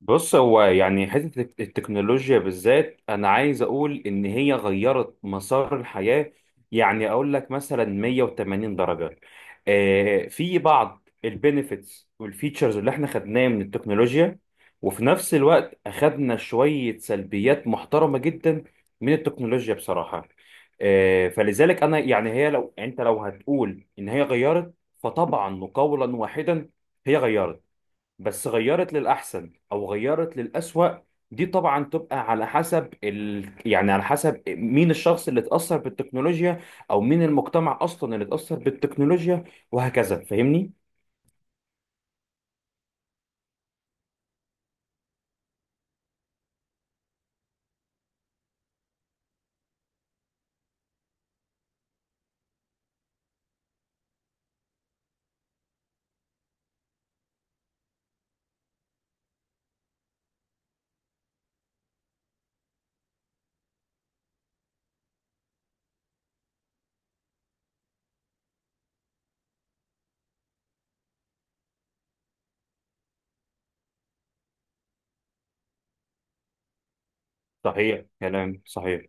بص هو يعني حتة التكنولوجيا بالذات أنا عايز أقول إن هي غيرت مسار الحياة. يعني أقول لك مثلا 180 درجة. آه، في بعض البينيفيتس والفيتشرز اللي إحنا خدناها من التكنولوجيا، وفي نفس الوقت أخدنا شوية سلبيات محترمة جدا من التكنولوجيا بصراحة. آه، فلذلك أنا يعني هي لو أنت لو هتقول إن هي غيرت، فطبعا وقولا واحدا هي غيرت. بس غيرت للأحسن أو غيرت للأسوأ، دي طبعا تبقى على حسب يعني على حسب مين الشخص اللي اتأثر بالتكنولوجيا، أو مين المجتمع أصلا اللي اتأثر بالتكنولوجيا، وهكذا. فاهمني؟ صحيح، كلام صحيح.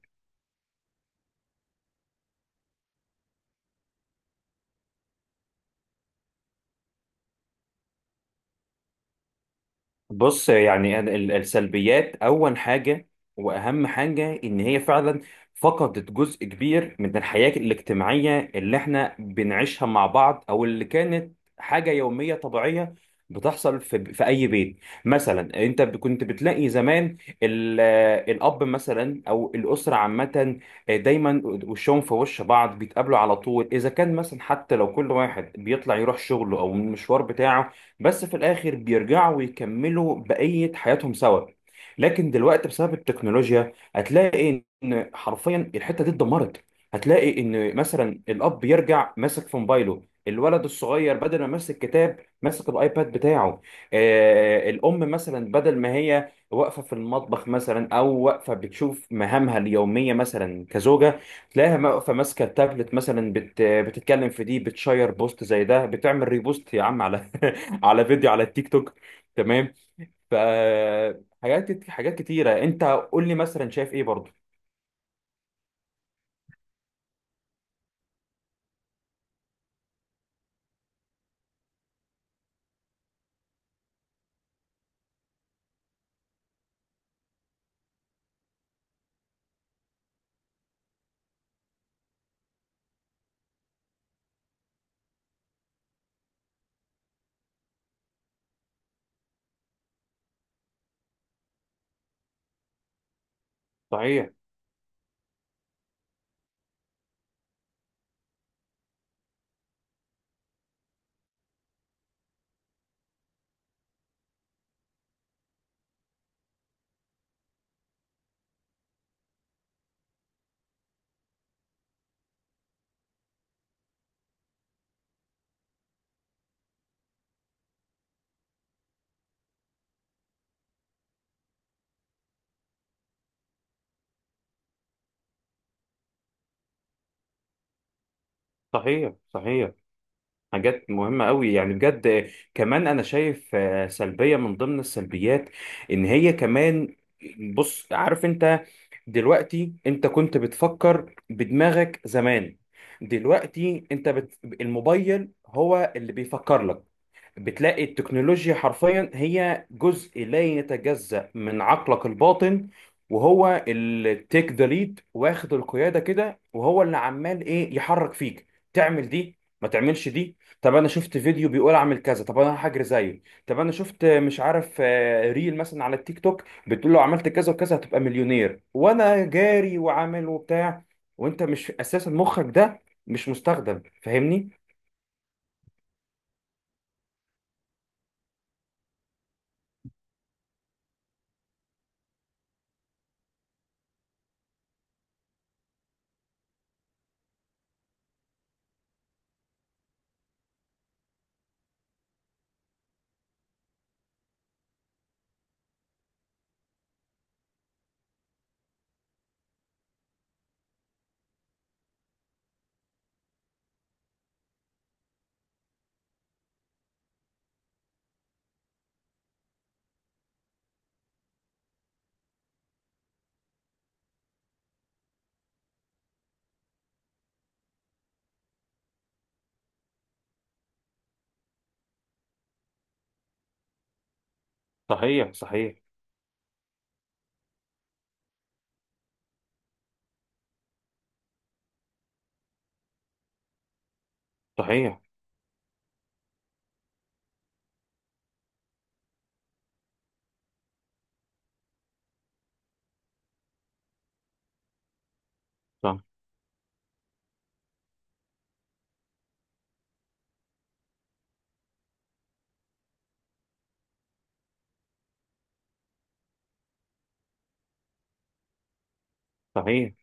بص، يعني أنا السلبيات، اول حاجه واهم حاجه ان هي فعلا فقدت جزء كبير من الحياه الاجتماعيه اللي احنا بنعيشها مع بعض، او اللي كانت حاجه يوميه طبيعيه بتحصل في اي بيت. مثلا انت كنت بتلاقي زمان ال- الاب مثلا او الاسره عامه دايما وشهم في وش بعض، بيتقابلوا على طول. اذا كان مثلا حتى لو كل واحد بيطلع يروح شغله او المشوار بتاعه، بس في الآخر بيرجعوا ويكملوا بقية حياتهم سوا. لكن دلوقتي بسبب التكنولوجيا هتلاقي إن حرفيا الحتة دي اتدمرت. هتلاقي إن مثلا الأب يرجع ماسك في موبايله، الولد الصغير بدل ما ماسك كتاب ماسك الايباد بتاعه. آه، الام مثلا بدل ما هي واقفه في المطبخ مثلا او واقفه بتشوف مهامها اليوميه مثلا كزوجه، تلاقيها واقفه ماسكه التابلت مثلا، بتتكلم في دي، بتشير بوست زي ده، بتعمل ريبوست يا عم على على فيديو على التيك توك. تمام. ف حاجات كتيره. انت قول لي مثلا شايف ايه برضه؟ صحيح، صحيح، صحيح. حاجات مهمة قوي يعني بجد. كمان أنا شايف سلبية من ضمن السلبيات إن هي كمان، بص عارف أنت، دلوقتي أنت كنت بتفكر بدماغك زمان، دلوقتي أنت الموبايل هو اللي بيفكر لك. بتلاقي التكنولوجيا حرفيا هي جزء لا يتجزأ من عقلك الباطن، وهو اللي تيك ذا ليد، واخد القيادة كده، وهو اللي عمال ايه يحرك فيك. تعمل دي ما تعملش دي. طب انا شفت فيديو بيقول اعمل كذا، طب انا هجري زيه. طب انا شفت مش عارف ريل مثلا على التيك توك بتقول له عملت كذا وكذا هتبقى مليونير، وانا جاري وعامل وبتاع، وانت مش اساسا مخك ده مش مستخدم. فاهمني؟ صحيح، صحيح، صحيح. صح. صحيح.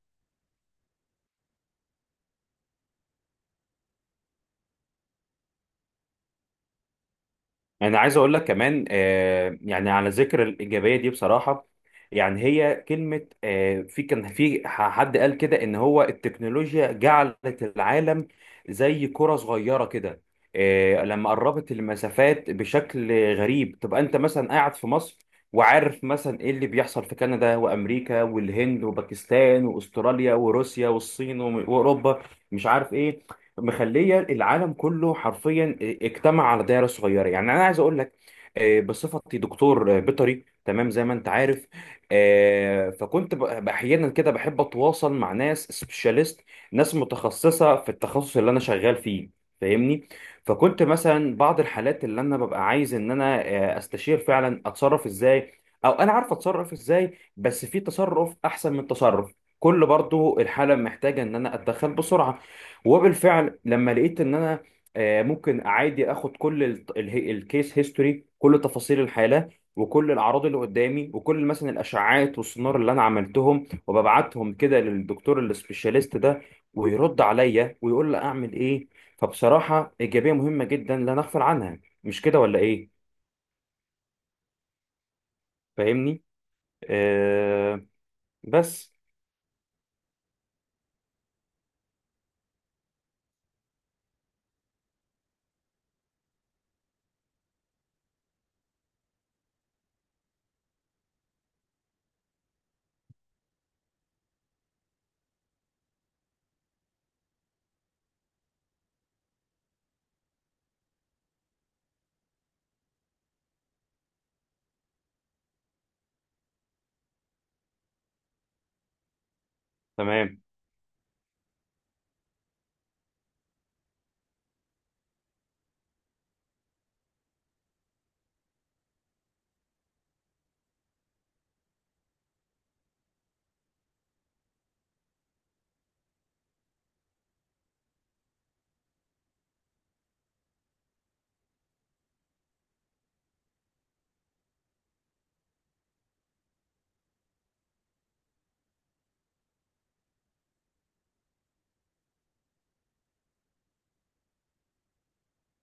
انا عايز اقول لك كمان آه، يعني على ذكر الايجابيه دي بصراحه، يعني هي كلمه آه، في كان في حد قال كده ان هو التكنولوجيا جعلت العالم زي كره صغيره كده. آه، لما قربت المسافات بشكل غريب، تبقى انت مثلا قاعد في مصر وعارف مثلا ايه اللي بيحصل في كندا وامريكا والهند وباكستان واستراليا وروسيا والصين واوروبا، مش عارف ايه. مخليه العالم كله حرفيا اجتمع على دايره صغيره. يعني انا عايز اقول لك، بصفتي دكتور بيطري، تمام زي ما انت عارف، فكنت احيانا كده بحب اتواصل مع ناس سبيشاليست، ناس متخصصه في التخصص اللي انا شغال فيه، فاهمني. فكنت مثلا بعض الحالات اللي انا ببقى عايز ان انا استشير فعلا اتصرف ازاي، او انا عارف اتصرف ازاي بس في تصرف احسن من تصرف، كل برضو الحالة محتاجة ان انا اتدخل بسرعة. وبالفعل لما لقيت ان انا ممكن عادي اخد كل الكيس هيستوري، كل تفاصيل الحاله وكل الاعراض اللي قدامي وكل مثلا الاشعاعات والسونار اللي انا عملتهم، وببعتهم كده للدكتور السبيشاليست ده، ويرد عليا ويقول لي اعمل ايه. فبصراحه ايجابيه مهمه جدا لا نغفل عنها، مش كده ولا ايه؟ فاهمني. آه، بس. تمام.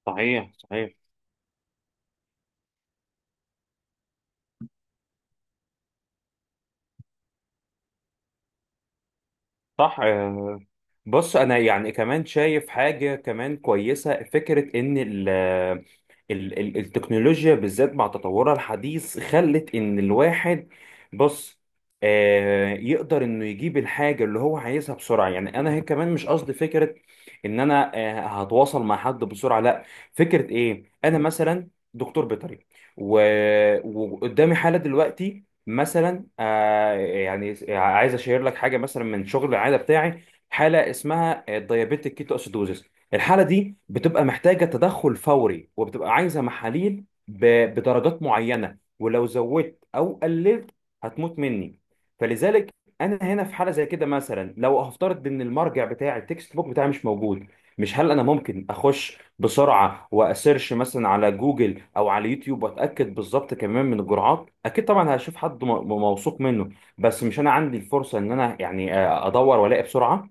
صحيح، صحيح. صح. بص انا يعني كمان شايف حاجه كمان كويسه، فكره ان ال ال ال التكنولوجيا بالذات مع تطورها الحديث خلت ان الواحد، بص، يقدر انه يجيب الحاجه اللي هو عايزها بسرعه. يعني انا هي كمان مش قصدي فكره ان انا هتواصل مع حد بسرعه، لا. فكره ايه، انا مثلا دكتور بيطري، و- وقدامي حاله دلوقتي، مثلا آه، يعني عايز اشير لك حاجه مثلا من شغل العياده بتاعي، حاله اسمها الديابيتيك كيتو اسيدوزيس. الحاله دي بتبقى محتاجه تدخل فوري، وبتبقى عايزه محاليل بدرجات معينه، ولو زودت او قللت هتموت مني. فلذلك انا هنا في حاله زي كده مثلا، لو هفترض ان المرجع بتاعي التكست بوك بتاعي مش موجود، مش هل انا ممكن اخش بسرعه واسيرش مثلا على جوجل او على يوتيوب واتاكد بالظبط كمان من الجرعات؟ اكيد طبعا هشوف حد موثوق منه. بس مش انا عندي الفرصه ان انا يعني ادور والاقي بسرعه.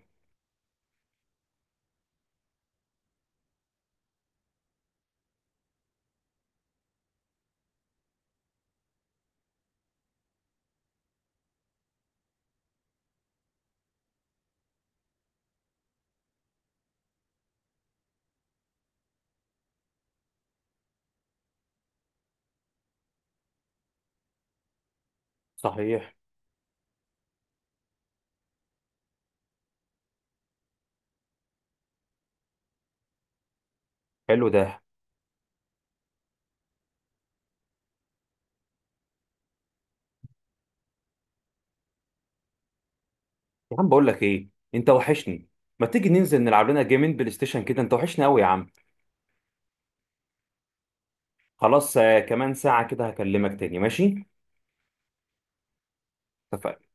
صحيح. حلو ده. يا عم بقول لك ايه، انت وحشني. ما تيجي ننزل نلعب لنا جيمين بلاي ستيشن كده، انت وحشني قوي يا عم. خلاص، آه، كمان ساعه كده هكلمك تاني، ماشي؟ اتفقنا.